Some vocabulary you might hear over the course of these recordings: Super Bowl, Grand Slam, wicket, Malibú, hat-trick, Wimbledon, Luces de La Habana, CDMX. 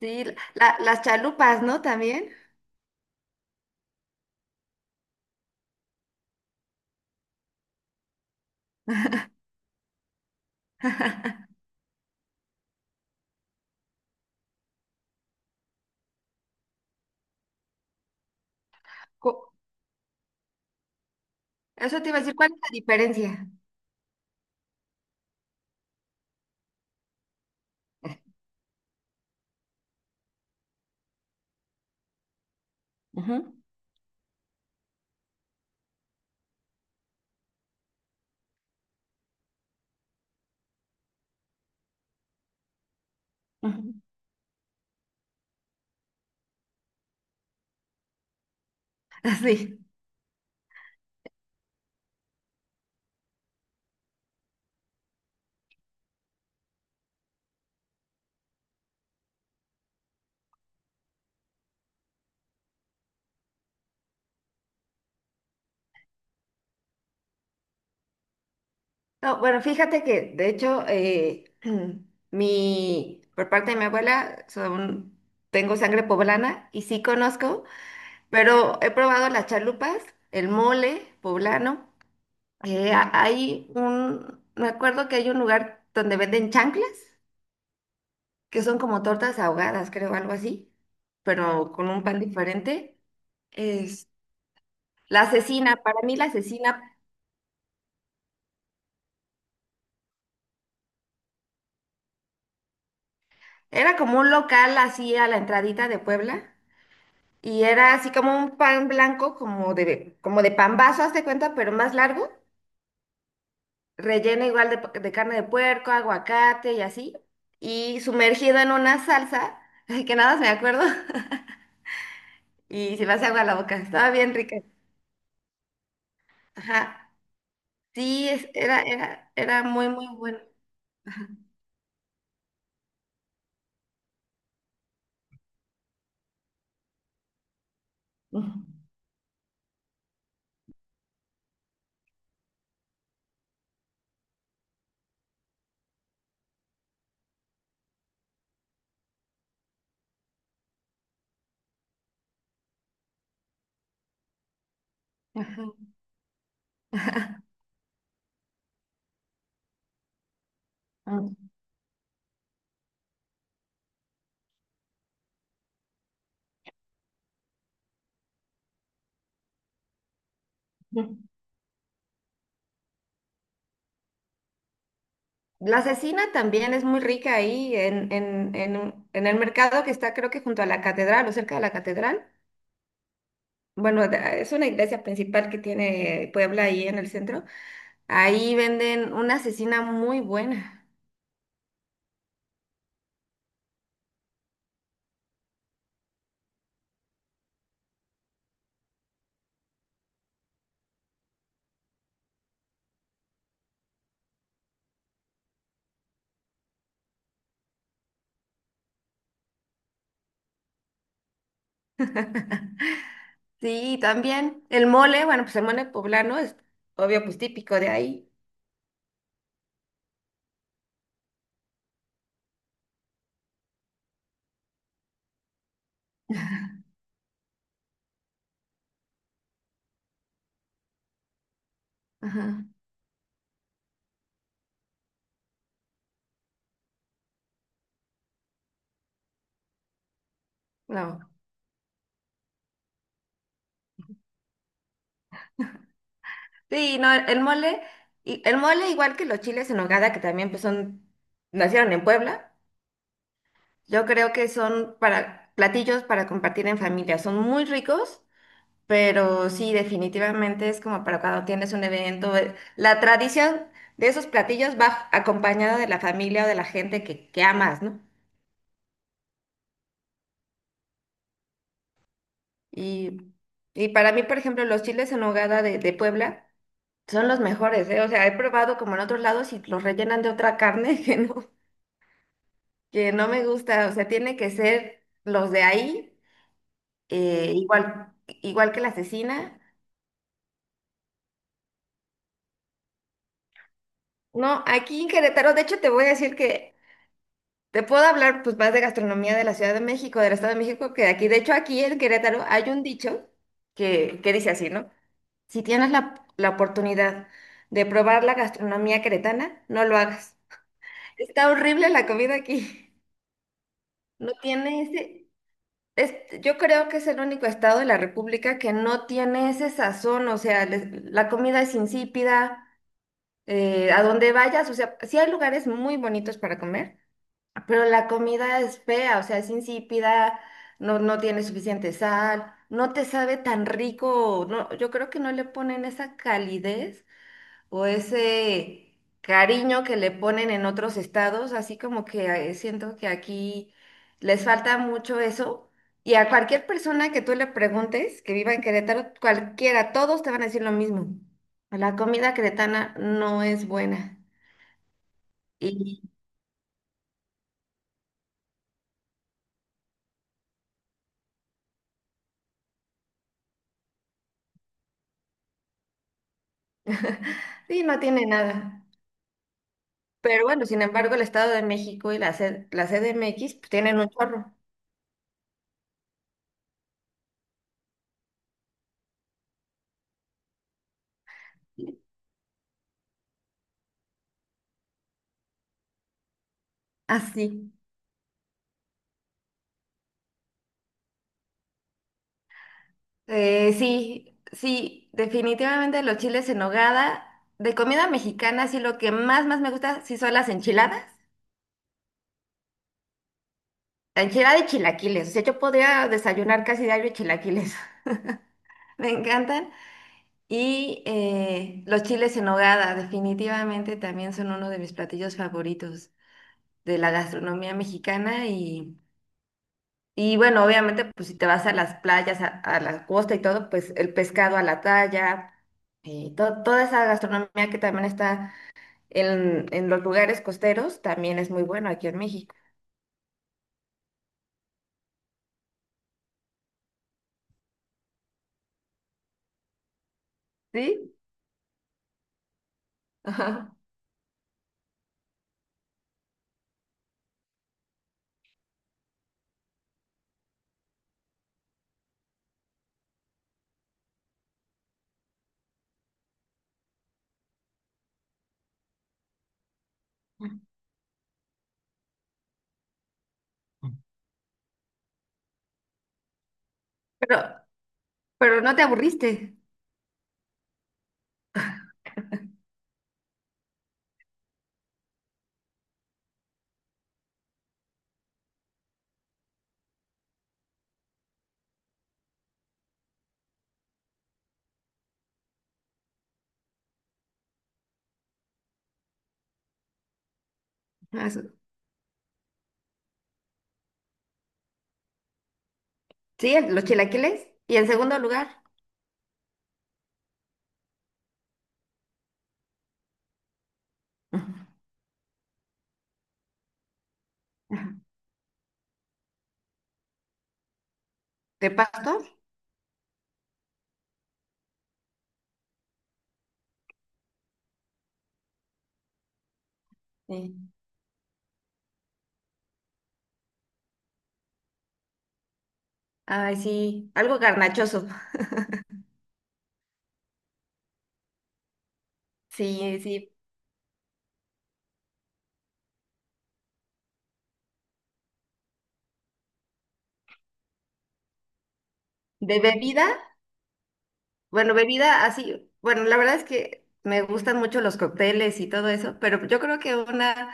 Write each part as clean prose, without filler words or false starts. Sí, las chalupas, ¿no? También. Cu- Eso te iba a decir, ¿cuál es la diferencia? Ujú, ujú. Sí. No, bueno, fíjate que de hecho, por parte de mi abuela, tengo sangre poblana y sí conozco, pero he probado las chalupas, el mole poblano. Hay me acuerdo que hay un lugar donde venden chanclas, que son como tortas ahogadas, creo, algo así, pero con un pan diferente. Es, la asesina, para mí la asesina era como un local así a la entradita de Puebla y era así como un pan blanco, como de pambazo, haz de cuenta, pero más largo, relleno igual de carne de puerco, aguacate y así, y sumergido en una salsa, ay, que nada más me acuerdo, y se me hace agua la boca, estaba bien rica. Ajá, sí, era muy, muy bueno. Ujú. Ajá. Ujú. La cecina también es muy rica ahí en el mercado que está, creo, que junto a la catedral o cerca de la catedral. Bueno, es una iglesia principal que tiene Puebla ahí en el centro. Ahí venden una cecina muy buena. Sí, también el mole, bueno, pues el mole poblano es obvio, pues típico de ahí. Ajá, no. Sí, no, y el mole, igual que los chiles en nogada, que también nacieron en Puebla. Yo creo que son para platillos para compartir en familia. Son muy ricos, pero sí, definitivamente es como para cuando tienes un evento. La tradición de esos platillos va acompañada de la familia o de la gente que amas, ¿no? Y, y para mí, por ejemplo, los chiles en nogada de Puebla son los mejores, ¿eh? O sea, he probado como en otros lados y los rellenan de otra carne que no me gusta. O sea, tiene que ser los de ahí, eh, igual, igual que la cecina. No, aquí en Querétaro, de hecho, te voy a decir que te puedo hablar pues más de gastronomía de la Ciudad de México, del Estado de México, que de aquí. De hecho, aquí en Querétaro hay un dicho que dice así, ¿no? Si tienes la oportunidad de probar la gastronomía queretana, no lo hagas. Está horrible la comida aquí. No tiene ese... yo creo que es el único estado de la República que no tiene ese sazón, o sea, la comida es insípida, a donde vayas, o sea, sí hay lugares muy bonitos para comer, pero la comida es fea, o sea, es insípida, no tiene suficiente sal, no te sabe tan rico, no, yo creo que no le ponen esa calidez o ese cariño que le ponen en otros estados, así como que siento que aquí les falta mucho eso. Y a cualquier persona que tú le preguntes que viva en Querétaro, cualquiera, todos te van a decir lo mismo. La comida queretana no es buena y, y no tiene nada. Pero bueno, sin embargo, el Estado de México y la CDMX, pues, tienen un chorro. Así. Sí, sí, definitivamente los chiles en nogada. De comida mexicana, sí, lo que más, más me gusta, sí son las enchiladas. La enchilada y chilaquiles. O sea, yo podría desayunar casi diario chilaquiles. Me encantan. Y los chiles en nogada, definitivamente también son uno de mis platillos favoritos de la gastronomía mexicana. Y bueno, obviamente, pues si te vas a las playas, a la costa y todo, pues el pescado a la talla, toda esa gastronomía que también está en los lugares costeros, también es muy bueno aquí en México. ¿Sí? Ajá. Pero, pero no te aburriste. Eso. Sí, los chilaquiles. Y en segundo lugar, ajá. ¿De pasto? Sí. Ay, sí, algo garnachoso. Sí, sí. ¿De bebida? Bueno, bebida así, bueno, la verdad es que me gustan mucho los cócteles y todo eso, pero yo creo que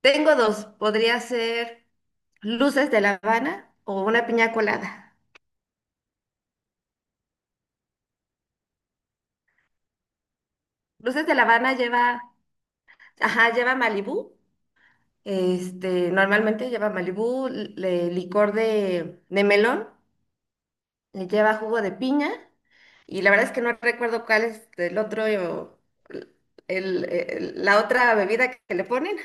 tengo dos, podría ser Luces de La Habana o una piña colada. Luces de La Habana lleva, ajá, lleva Malibú, este, normalmente lleva Malibú, licor de melón, le lleva jugo de piña, y la verdad es que no recuerdo cuál es el otro, o el, el- la otra bebida que le ponen,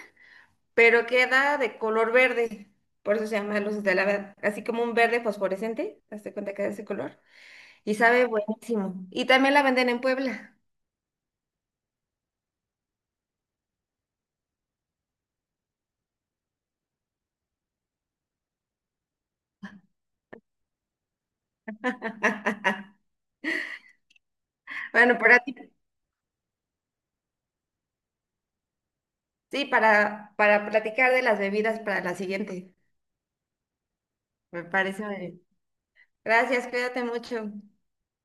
pero queda de color verde, por eso se llama Luces de Lavanda, así como un verde fosforescente, hazte cuenta que es de ese color, y sabe buenísimo. Y también la venden en Puebla. Bueno, para ti, sí, para platicar de las bebidas para la siguiente, me parece muy bien. Gracias, cuídate mucho.